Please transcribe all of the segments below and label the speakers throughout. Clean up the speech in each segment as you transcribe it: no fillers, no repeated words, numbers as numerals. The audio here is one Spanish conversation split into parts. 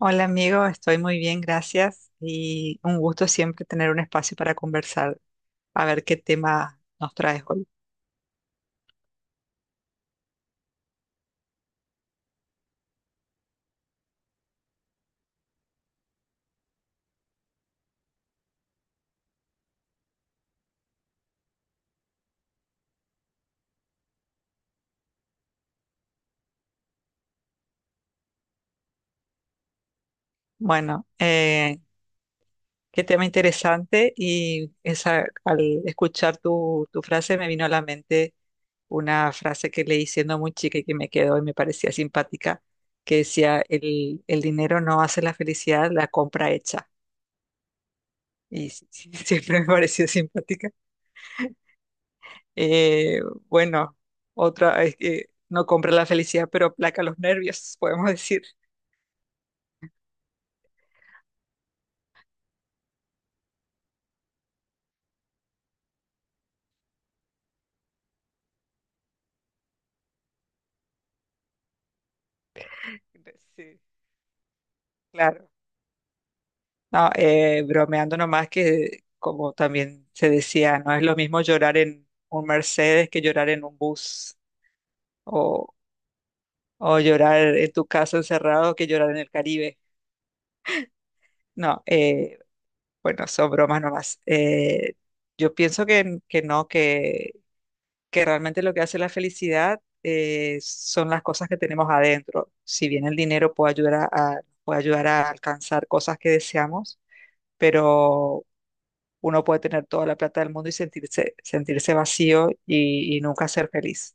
Speaker 1: Hola amigo, estoy muy bien, gracias. Y un gusto siempre tener un espacio para conversar, a ver qué tema nos traes hoy. Bueno, qué tema interesante y esa, al escuchar tu frase me vino a la mente una frase que leí siendo muy chica y que me quedó y me parecía simpática, que decía, el dinero no hace la felicidad, la compra hecha. Y sí, sí, siempre me pareció simpática. Eh, bueno, otra es que no compra la felicidad, pero aplaca los nervios, podemos decir. Sí, claro. No, bromeando nomás que, como también se decía, no es lo mismo llorar en un Mercedes que llorar en un bus o, o llorar en tu casa encerrado que llorar en el Caribe. No, bueno, son bromas nomás. Yo pienso que no, que realmente lo que hace la felicidad son las cosas que tenemos adentro. Si bien el dinero puede ayudar a- puede ayudar a alcanzar cosas que deseamos, pero uno puede tener toda la plata del mundo y sentirse, sentirse vacío y nunca ser feliz.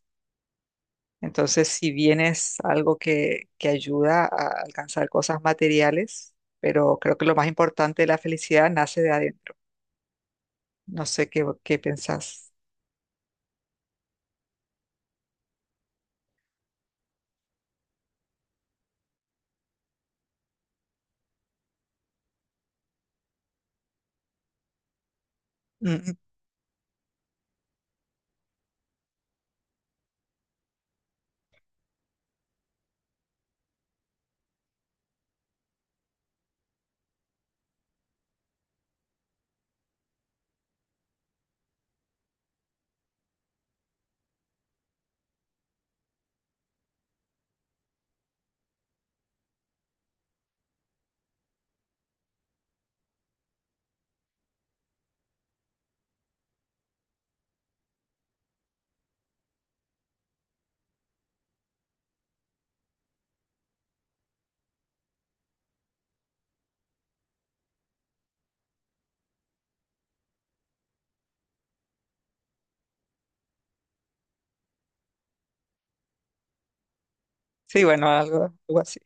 Speaker 1: Entonces, si bien es algo que ayuda a alcanzar cosas materiales, pero creo que lo más importante de la felicidad nace de adentro. No sé qué, qué pensás. Mm, mm. Sí, bueno, algo, algo así.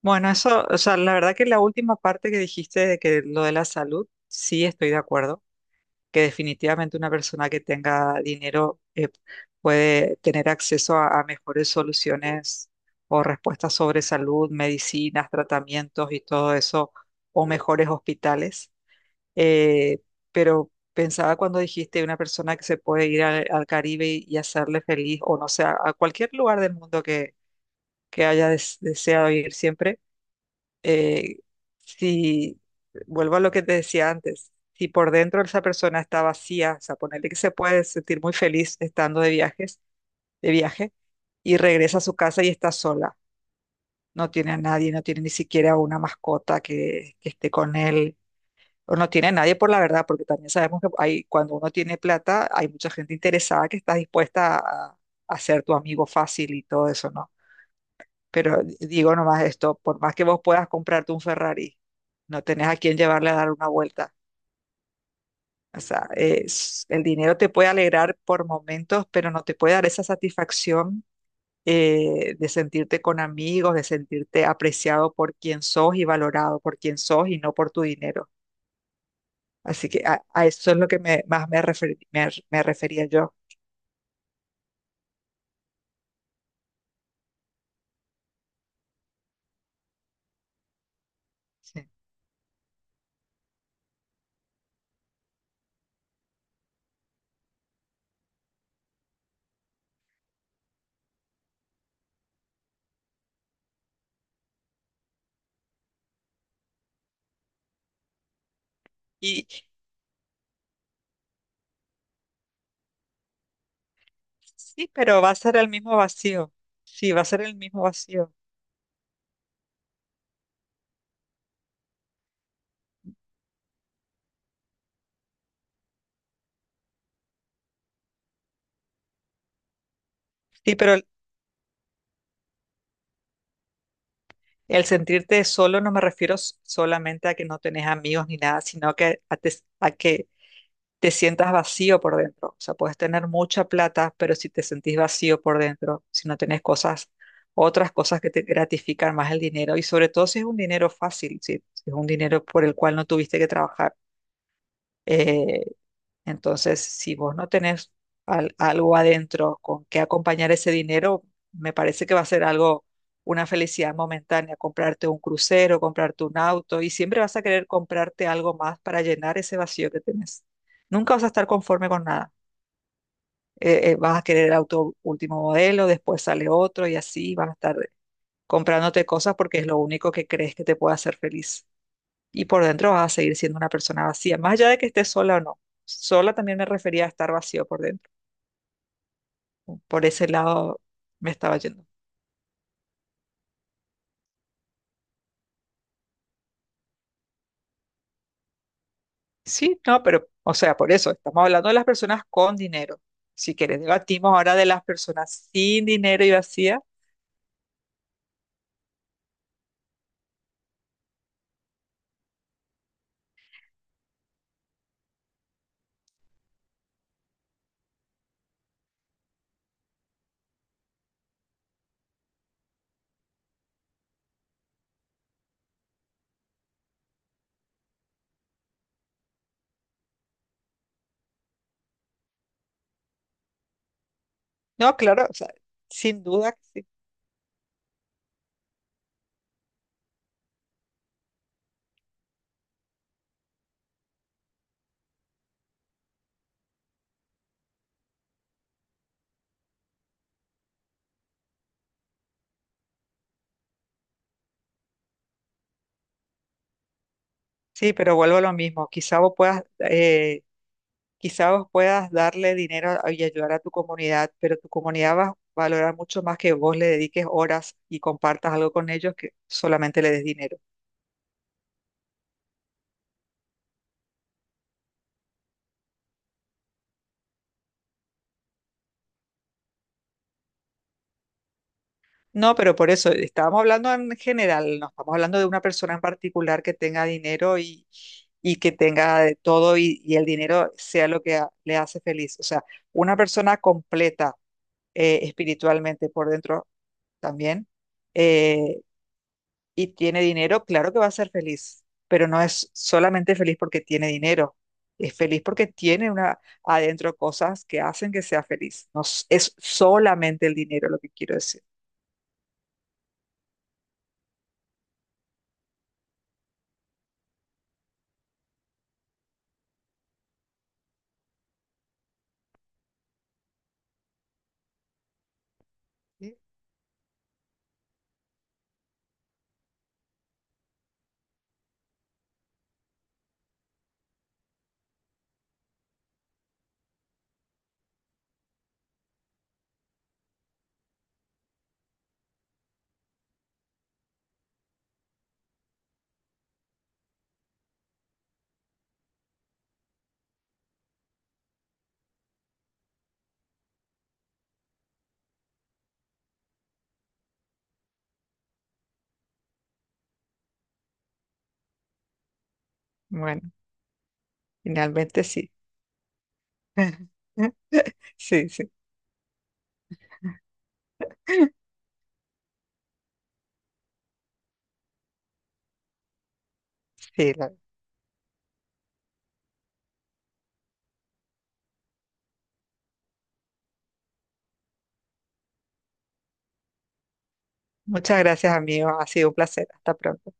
Speaker 1: Bueno, eso, o sea, la verdad que la última parte que dijiste de que lo de la salud, sí estoy de acuerdo, que definitivamente una persona que tenga dinero puede tener acceso a mejores soluciones o respuestas sobre salud, medicinas, tratamientos y todo eso, o mejores hospitales. Eh, pero pensaba cuando dijiste una persona que se puede ir al, al Caribe y hacerle feliz, o no sé, a cualquier lugar del mundo que haya des- deseado ir siempre eh, si, vuelvo a lo que te decía antes, si por dentro esa persona está vacía, o sea, ponerle que se puede sentir muy feliz estando de viajes, de viaje, y regresa a su casa y está sola, no tiene a nadie, no tiene ni siquiera una mascota que esté con él, o no tiene a nadie por la verdad, porque también sabemos que hay, cuando uno tiene plata, hay mucha gente interesada que está dispuesta a ser tu amigo fácil y todo eso, ¿no? Pero d- digo nomás esto, por más que vos puedas comprarte un Ferrari, no tenés a quién llevarle a dar una vuelta. O sea, es- el dinero te puede alegrar por momentos, pero no te puede dar esa satisfacción de sentirte con amigos, de sentirte apreciado por quien sos y valorado por quien sos y no por tu dinero. Así que a eso es lo que me, más me, refer- me refería yo. Sí. Y sí, pero va a ser el mismo vacío. Sí, va a ser el mismo vacío. Sí, pero el sentirte solo no me refiero s- solamente a que no tenés amigos ni nada, sino que a, te- a que te sientas vacío por dentro. O sea, puedes tener mucha plata, pero si te sentís vacío por dentro, si no tenés cosas, otras cosas que te gratifican más el dinero, y sobre todo si es un dinero fácil, si, si es un dinero por el cual no tuviste que trabajar. Eh, entonces, si vos no tenés al- algo adentro con qué acompañar ese dinero, me parece que va a ser algo, una felicidad momentánea, comprarte un crucero, comprarte un auto, y siempre vas a querer comprarte algo más para llenar ese vacío que tenés. Nunca vas a estar conforme con nada. Vas a querer el auto último modelo, después sale otro y así vas a estar comprándote cosas porque es lo único que crees que te puede hacer feliz y por dentro vas a seguir siendo una persona vacía, más allá de que estés sola o no. Sola también me refería a estar vacío por dentro. Por ese lado me estaba yendo. Sí, no, pero, o sea, por eso, estamos hablando de las personas con dinero. Si quieres, debatimos ahora de las personas sin dinero y vacía. No, claro, o sea, sin duda que sí. Sí, pero vuelvo a lo mismo. Quizá vos puedas quizás vos puedas darle dinero a- y ayudar a tu comunidad, pero tu comunidad va a valorar mucho más que vos le dediques horas y compartas algo con ellos que solamente le des dinero. No, pero por eso estábamos hablando en general, no estamos hablando de una persona en particular que tenga dinero y que tenga de todo y el dinero sea lo que a- le hace feliz. O sea, una persona completa espiritualmente por dentro también. eh, y tiene dinero, claro que va a ser feliz, pero no es solamente feliz porque tiene dinero, es feliz porque tiene una, adentro cosas que hacen que sea feliz. No s- es solamente el dinero lo que quiero decir. ¿Sí? Bueno, finalmente sí. Sí, sí. Sí, la- muchas gracias, amigo. Ha sido un placer. Hasta pronto.